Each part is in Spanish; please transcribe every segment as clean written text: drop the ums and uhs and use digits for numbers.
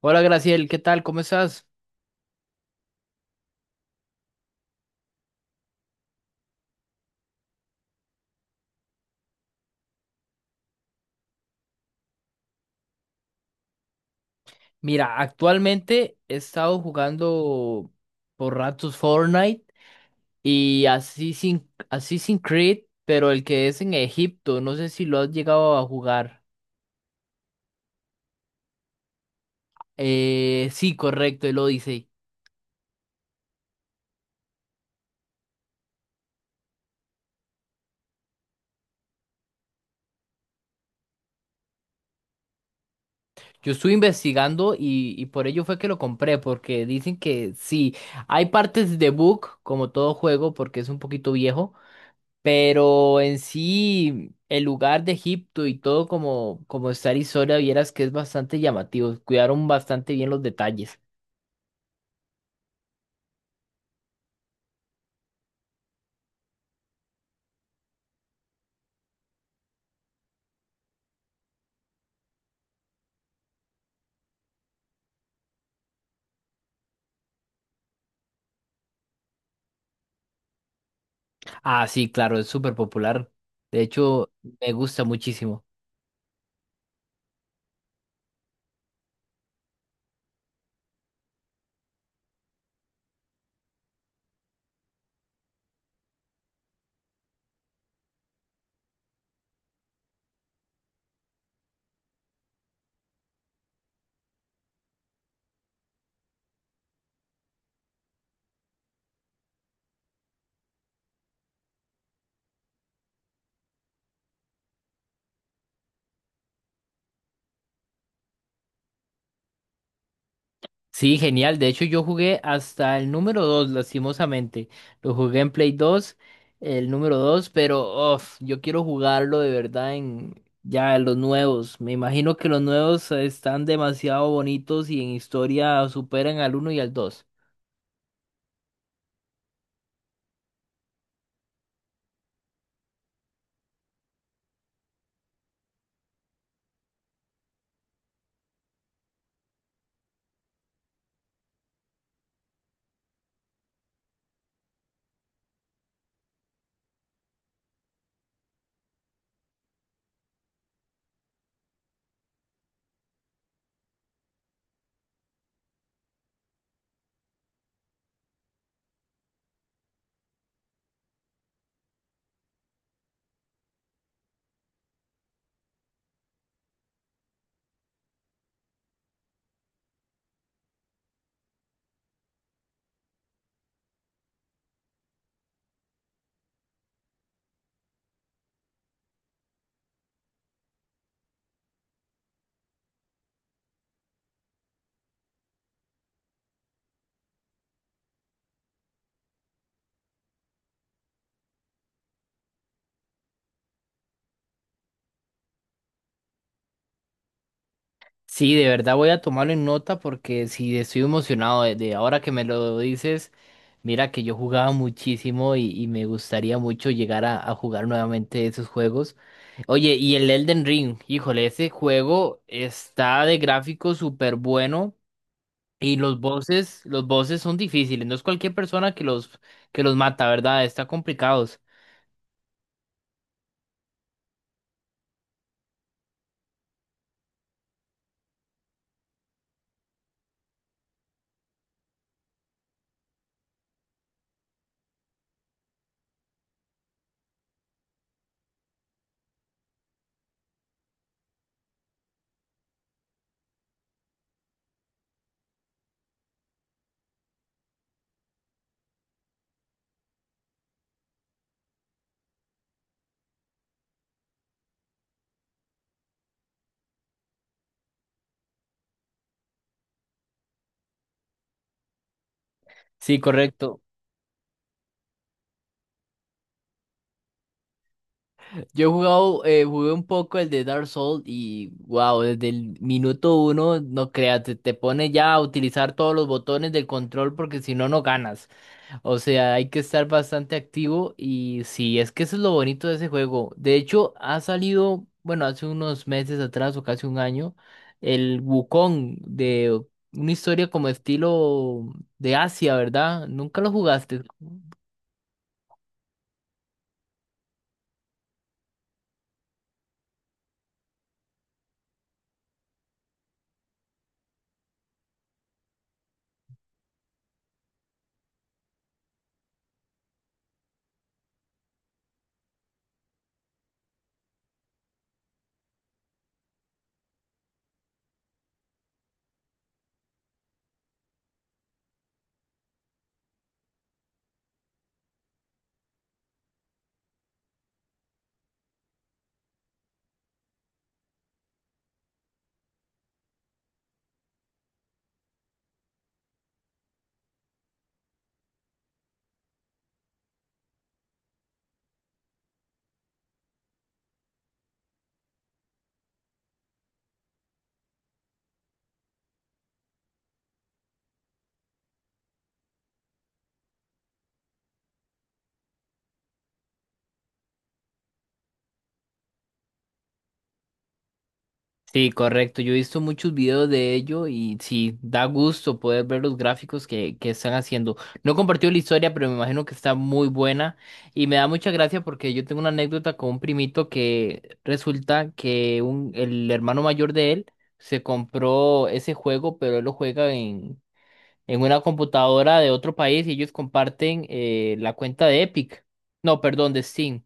Hola Graciel, ¿qué tal? ¿Cómo estás? Mira, actualmente he estado jugando por ratos Fortnite y Assassin's Creed, pero el que es en Egipto, no sé si lo has llegado a jugar. Sí, correcto, el Odyssey. Yo estuve investigando y por ello fue que lo compré, porque dicen que sí, hay partes de bug, como todo juego, porque es un poquito viejo. Pero en sí, el lugar de Egipto y todo como está Arizona, vieras que es bastante llamativo. Cuidaron bastante bien los detalles. Ah, sí, claro, es súper popular. De hecho, me gusta muchísimo. Sí, genial. De hecho, yo jugué hasta el número 2 lastimosamente. Lo jugué en Play 2, el número 2 pero uf, yo quiero jugarlo de verdad en ya los nuevos. Me imagino que los nuevos están demasiado bonitos y en historia superan al uno y al dos. Sí, de verdad voy a tomarlo en nota porque sí estoy emocionado de ahora que me lo dices. Mira que yo jugaba muchísimo y me gustaría mucho llegar a jugar nuevamente esos juegos. Oye, y el Elden Ring, híjole, ese juego está de gráfico súper bueno y los bosses son difíciles. No es cualquier persona que los mata, ¿verdad? Está complicados. Sí, correcto. Yo he jugado, jugué un poco el de Dark Souls y wow, desde el minuto uno, no creas, te pone ya a utilizar todos los botones del control porque si no, no ganas. O sea, hay que estar bastante activo y sí, es que eso es lo bonito de ese juego. De hecho, ha salido, bueno, hace unos meses atrás o casi un año, el Wukong de una historia como estilo de Asia, ¿verdad? Nunca lo jugaste. Sí, correcto. Yo he visto muchos videos de ello y sí, da gusto poder ver los gráficos que están haciendo. No he compartido la historia, pero me imagino que está muy buena y me da mucha gracia porque yo tengo una anécdota con un primito que resulta que el hermano mayor de él se compró ese juego, pero él lo juega en una computadora de otro país y ellos comparten la cuenta de Epic. No, perdón, de Steam.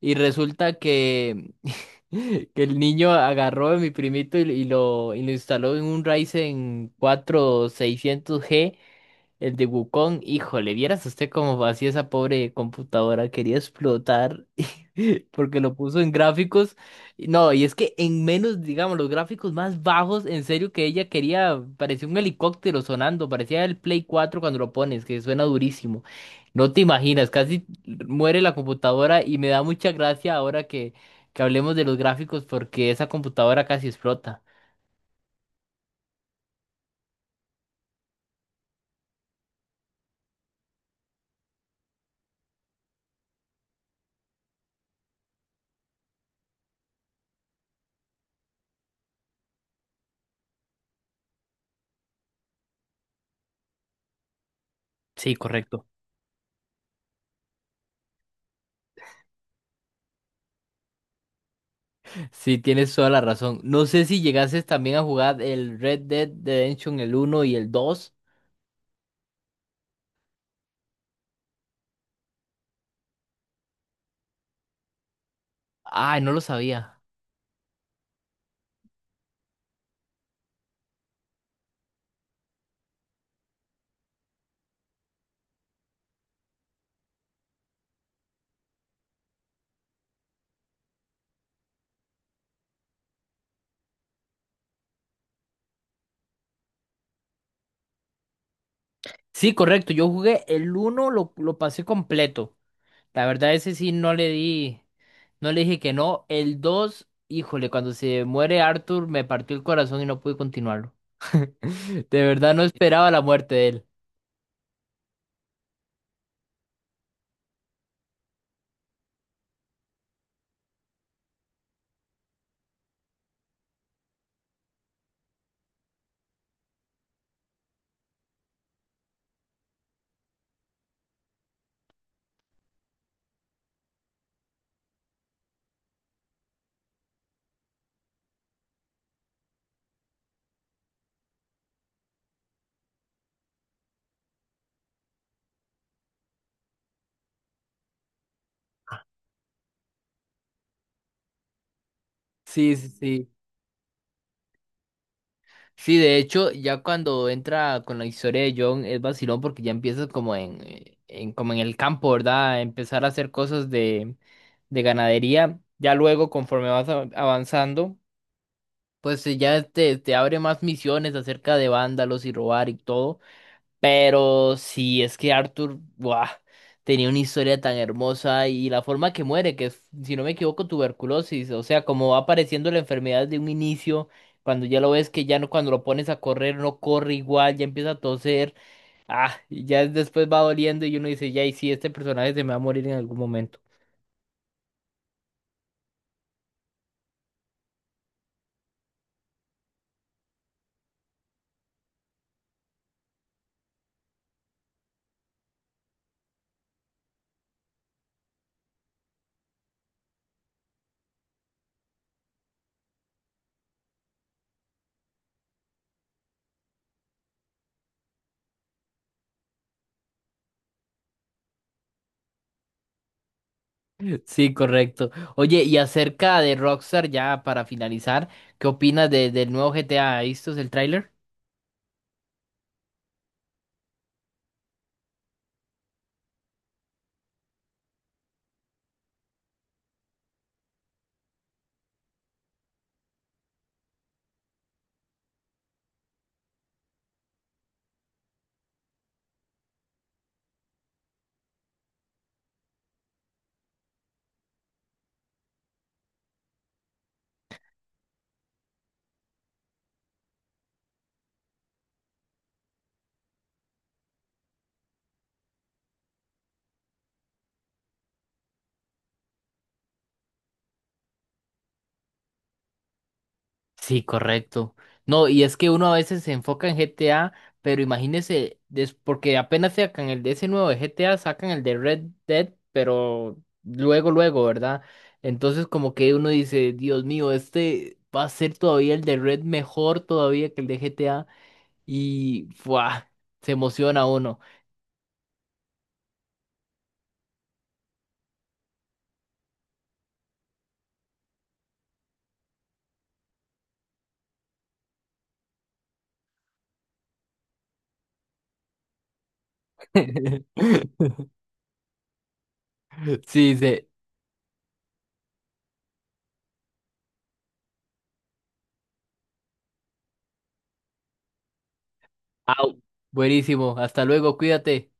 Y resulta que que el niño agarró a mi primito y lo instaló en un Ryzen 4600G el de Wukong, híjole, vieras usted cómo hacía esa pobre computadora, quería explotar porque lo puso en gráficos. Y no, y es que en menos, digamos, los gráficos más bajos, en serio que ella quería, parecía un helicóptero sonando, parecía el Play 4 cuando lo pones, que suena durísimo. No te imaginas, casi muere la computadora y me da mucha gracia ahora que hablemos de los gráficos porque esa computadora casi explota. Sí, correcto. Sí, tienes toda la razón. No sé si llegases también a jugar el Red Dead Redemption, el uno y el dos. Ay, no lo sabía. Sí, correcto. Yo jugué el uno lo pasé completo. La verdad, ese sí no le di, no le dije que no. El 2, híjole, cuando se muere Arthur me partió el corazón y no pude continuarlo. De verdad no esperaba la muerte de él. Sí, sí, sí. Sí, de hecho, ya cuando entra con la historia de John es vacilón porque ya empiezas como en el campo, ¿verdad? Empezar a hacer cosas de ganadería. Ya luego, conforme avanzando, pues ya te abre más misiones acerca de vándalos y robar y todo. Pero sí, es que Arthur, ¡buah! Tenía una historia tan hermosa y la forma que muere, que es, si no me equivoco, tuberculosis, o sea, como va apareciendo la enfermedad de un inicio, cuando ya lo ves que ya no, cuando lo pones a correr no corre igual, ya empieza a toser, ah, y ya después va doliendo y uno dice, ya, y sí, este personaje se me va a morir en algún momento. Sí, correcto. Oye, y acerca de Rockstar, ya para finalizar, ¿qué opinas del nuevo GTA? ¿Visto el tráiler? Sí, correcto. No, y es que uno a veces se enfoca en GTA, pero imagínese, porque apenas sacan el de ese nuevo de GTA, sacan el de Red Dead, pero luego, luego, ¿verdad? Entonces como que uno dice, Dios mío, este va a ser todavía el de Red mejor todavía que el de GTA, y ¡fua! Se emociona uno. Sí, dice, ¡au! Buenísimo, hasta luego, cuídate.